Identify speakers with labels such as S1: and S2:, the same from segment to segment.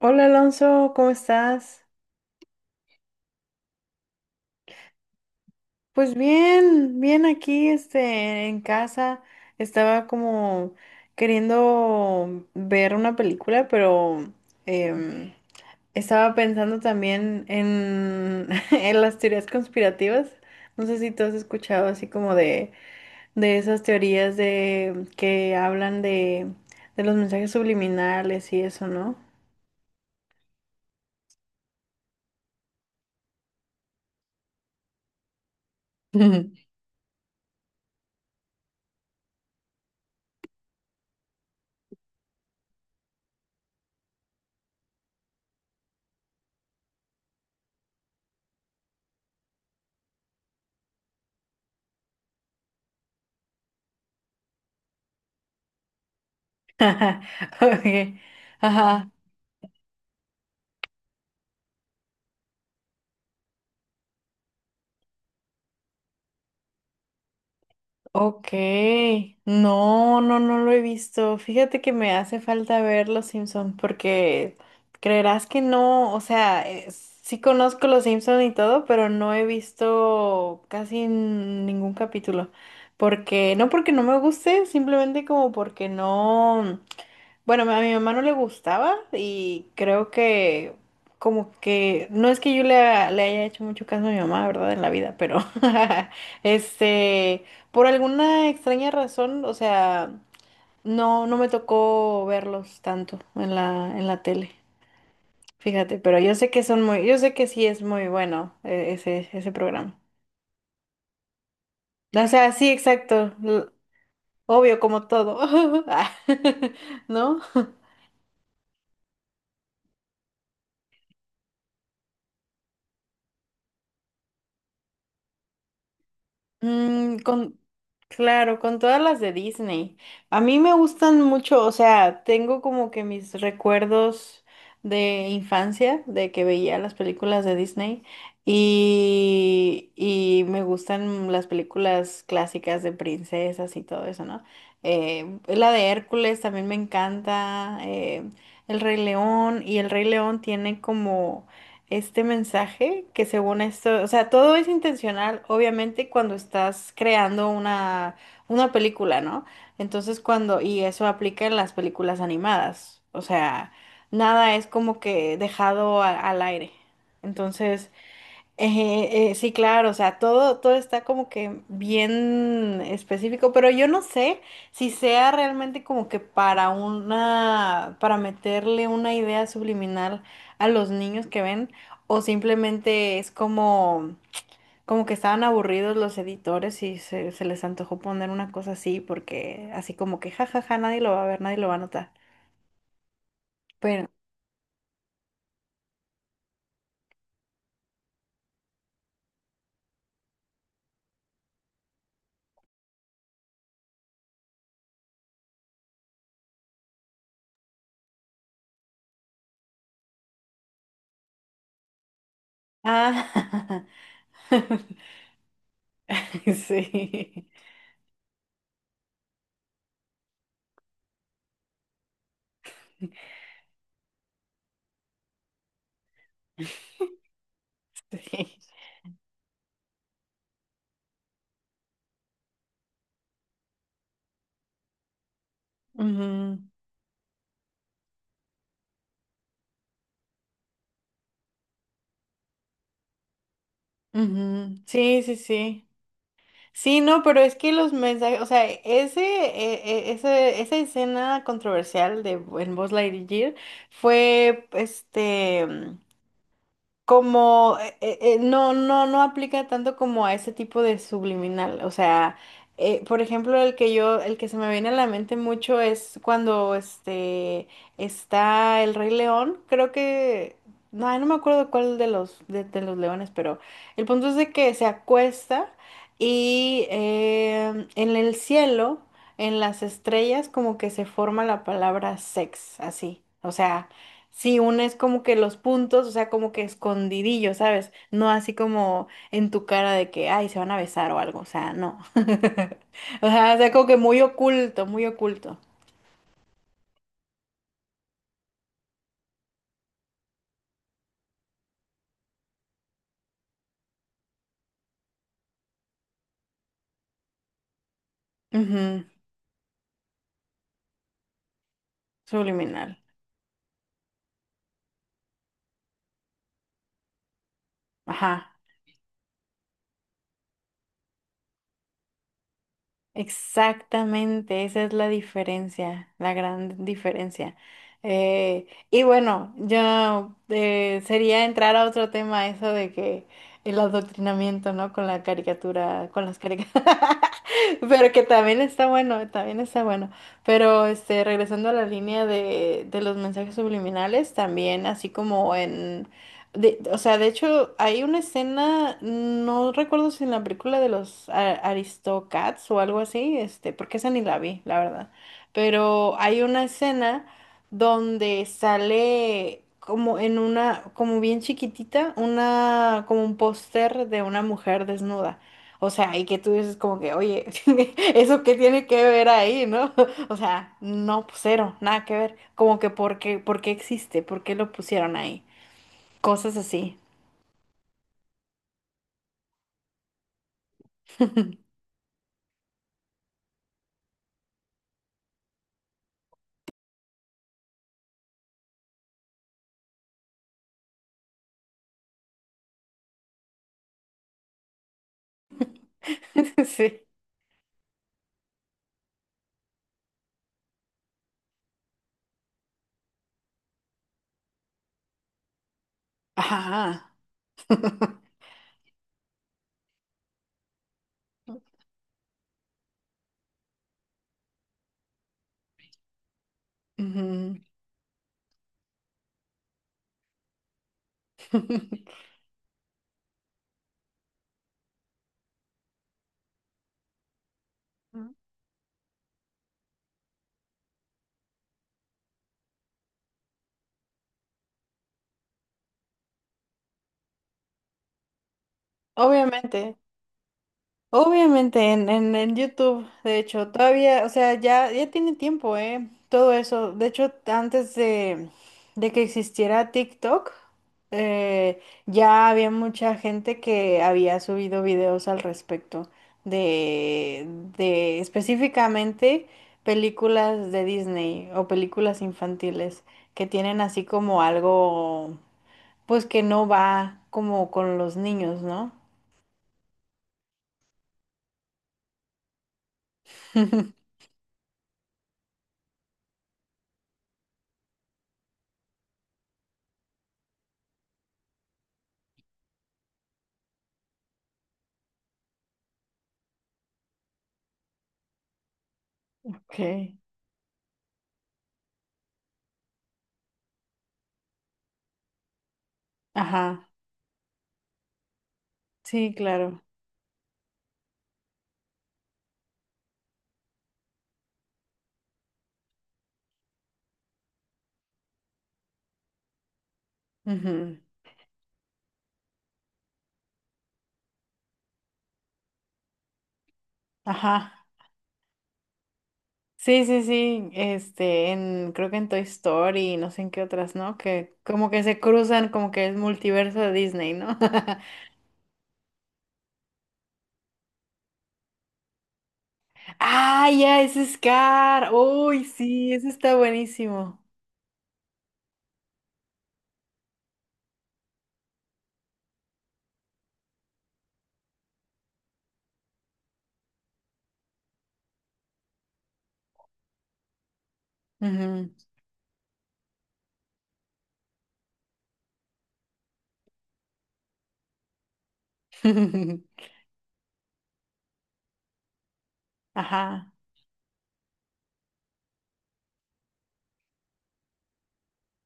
S1: Hola Alonso, ¿cómo estás? Pues bien, bien aquí, en casa. Estaba como queriendo ver una película, pero em, estaba pensando también en las teorías conspirativas. No sé si tú has escuchado así como de esas teorías de que hablan de los mensajes subliminales y eso, ¿no? Okay. Ajá. Ok, no lo he visto. Fíjate que me hace falta ver Los Simpson porque creerás que no, o sea, sí conozco Los Simpson y todo, pero no he visto casi ningún capítulo. Porque no me guste, simplemente como porque no. Bueno, a mi mamá no le gustaba y creo que como que no es que yo le, le haya hecho mucho caso a mi mamá, ¿verdad? En la vida, pero este, por alguna extraña razón, o sea, no me tocó verlos tanto en en la tele, fíjate, pero yo sé que son muy, yo sé que sí es muy bueno ese programa. O sea, sí, exacto, obvio, como todo, Ah, ¿no? Mm, con, claro, con todas las de Disney. A mí me gustan mucho, o sea, tengo como que mis recuerdos de infancia, de que veía las películas de Disney y me gustan las películas clásicas de princesas y todo eso, ¿no? La de Hércules también me encanta, El Rey León. Y El Rey León tiene como este mensaje que según esto, o sea, todo es intencional, obviamente, cuando estás creando una película, ¿no? Entonces, cuando, y eso aplica en las películas animadas, o sea, nada es como que dejado al aire. Entonces, sí, claro, o sea, todo está como que bien específico, pero yo no sé si sea realmente como que para una, para meterle una idea subliminal a los niños que ven, o simplemente es como, como que estaban aburridos los editores y se les antojó poner una cosa así, porque así como que jajaja, nadie lo va a ver, nadie lo va a notar. Pero, ah, sí, sí. Ujú. Ujú. Sí, sí, sí. Sí, no, pero es que los mensajes, o sea, esa escena controversial de en Buzz Lightyear fue, este, como no aplica tanto como a ese tipo de subliminal. O sea, por ejemplo, el que yo, el que se me viene a la mente mucho es cuando este está el Rey León. Creo que. No, ay, no me acuerdo cuál de los, de los leones, pero el punto es de que se acuesta y en el cielo, en las estrellas, como que se forma la palabra sex, así. O sea. Sí, una es como que los puntos, o sea, como que escondidillo, ¿sabes? No así como en tu cara de que, ay, se van a besar o algo, o sea, no. O sea, como que muy oculto, muy oculto. Ujú. Subliminal. Ajá. Exactamente, esa es la diferencia, la gran diferencia. Y bueno, yo sería entrar a otro tema, eso de que el adoctrinamiento, ¿no? Con la caricatura, con las caricaturas, pero que también está bueno, también está bueno. Pero este, regresando a la línea de los mensajes subliminales, también así como en o sea, de hecho, hay una escena, no recuerdo si en la película de los Aristocats o algo así, este, porque esa ni la vi, la verdad. Pero hay una escena donde sale como en una, como bien chiquitita, una, como un póster de una mujer desnuda. O sea, y que tú dices como que, oye, ¿eso qué tiene que ver ahí, no? O sea, no, pues, cero, nada que ver. Como que, por qué existe? ¿Por qué lo pusieron ahí? Cosas así. Sí. Ajá. Ujú. Obviamente. Obviamente en YouTube, de hecho, todavía, o sea, ya, ya tiene tiempo, ¿eh? Todo eso. De hecho, antes de que existiera TikTok, ya había mucha gente que había subido videos al respecto de, de específicamente películas de Disney o películas infantiles que tienen así como algo, pues que no va como con los niños, ¿no? Ok. Ajá. Sí, claro. Ujú. Ajá. Sí, sí, sí. Este, en, creo que en Toy Story y no sé en qué otras, ¿no? Que como que se cruzan, como que es multiverso de Disney, ¿no? Ah, ya, ese es Scar. Uy, sí, ese está buenísimo. Ujú. Ajá,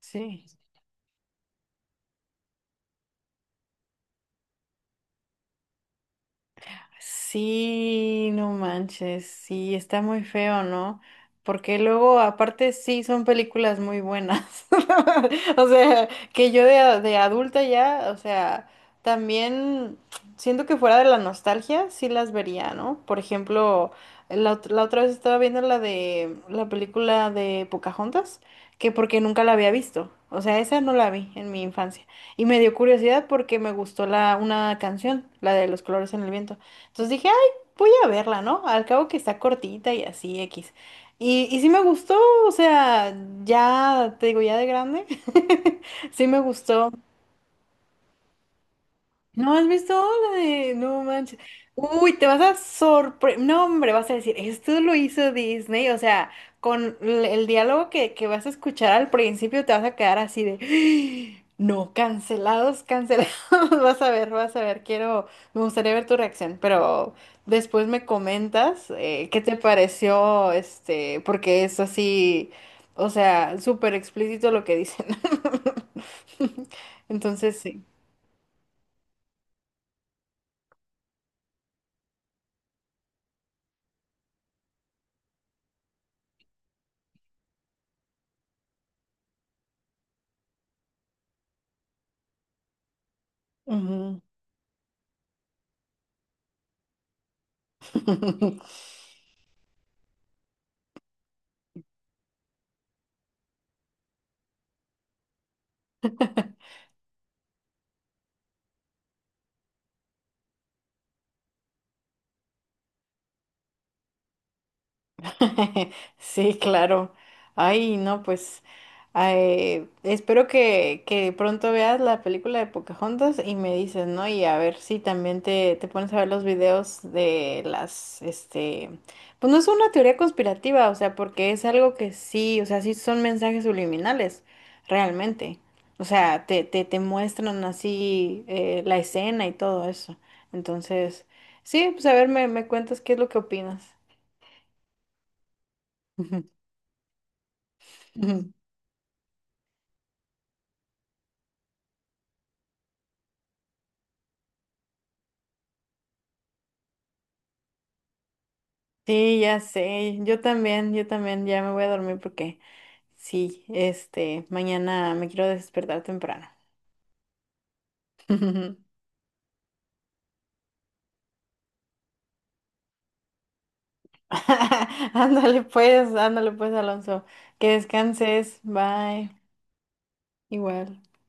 S1: sí. Sí, no manches, sí, está muy feo, ¿no? Porque luego, aparte, sí, son películas muy buenas. O sea, que yo de adulta ya, o sea, también siento que fuera de la nostalgia, sí las vería, ¿no? Por ejemplo, la, la otra vez estaba viendo la de la película de Pocahontas, que porque nunca la había visto. O sea, esa no la vi en mi infancia. Y me dio curiosidad porque me gustó la, una canción, la de Los colores en el viento. Entonces dije, ay, voy a verla, ¿no? Al cabo que está cortita y así, X. Y sí me gustó, o sea, ya, te digo, ya de grande, sí me gustó. ¿No has visto la de No manches? Uy, te vas a sorprender. No, hombre, vas a decir, esto lo hizo Disney. O sea, con el diálogo que vas a escuchar al principio, te vas a quedar así de. No, cancelados, cancelados. Vas a ver, vas a ver. Quiero. Me gustaría ver tu reacción, pero después me comentas qué te pareció, este, porque es así. O sea, súper explícito lo que dicen. Entonces, sí. Ujú. Sí, claro. Ay, no, pues ay, espero que pronto veas la película de Pocahontas y me dices, ¿no? Y a ver si también te pones a ver los videos de las, este, pues no es una teoría conspirativa, o sea, porque es algo que sí, o sea, sí son mensajes subliminales, realmente. O sea, te muestran así la escena y todo eso. Entonces, sí, pues a ver, me cuentas qué es lo que opinas. Ujú, ujú. Sí, ya sé, yo también, ya me voy a dormir porque sí, este, mañana me quiero despertar temprano. Ándale pues, Alonso, que descanses, bye, igual.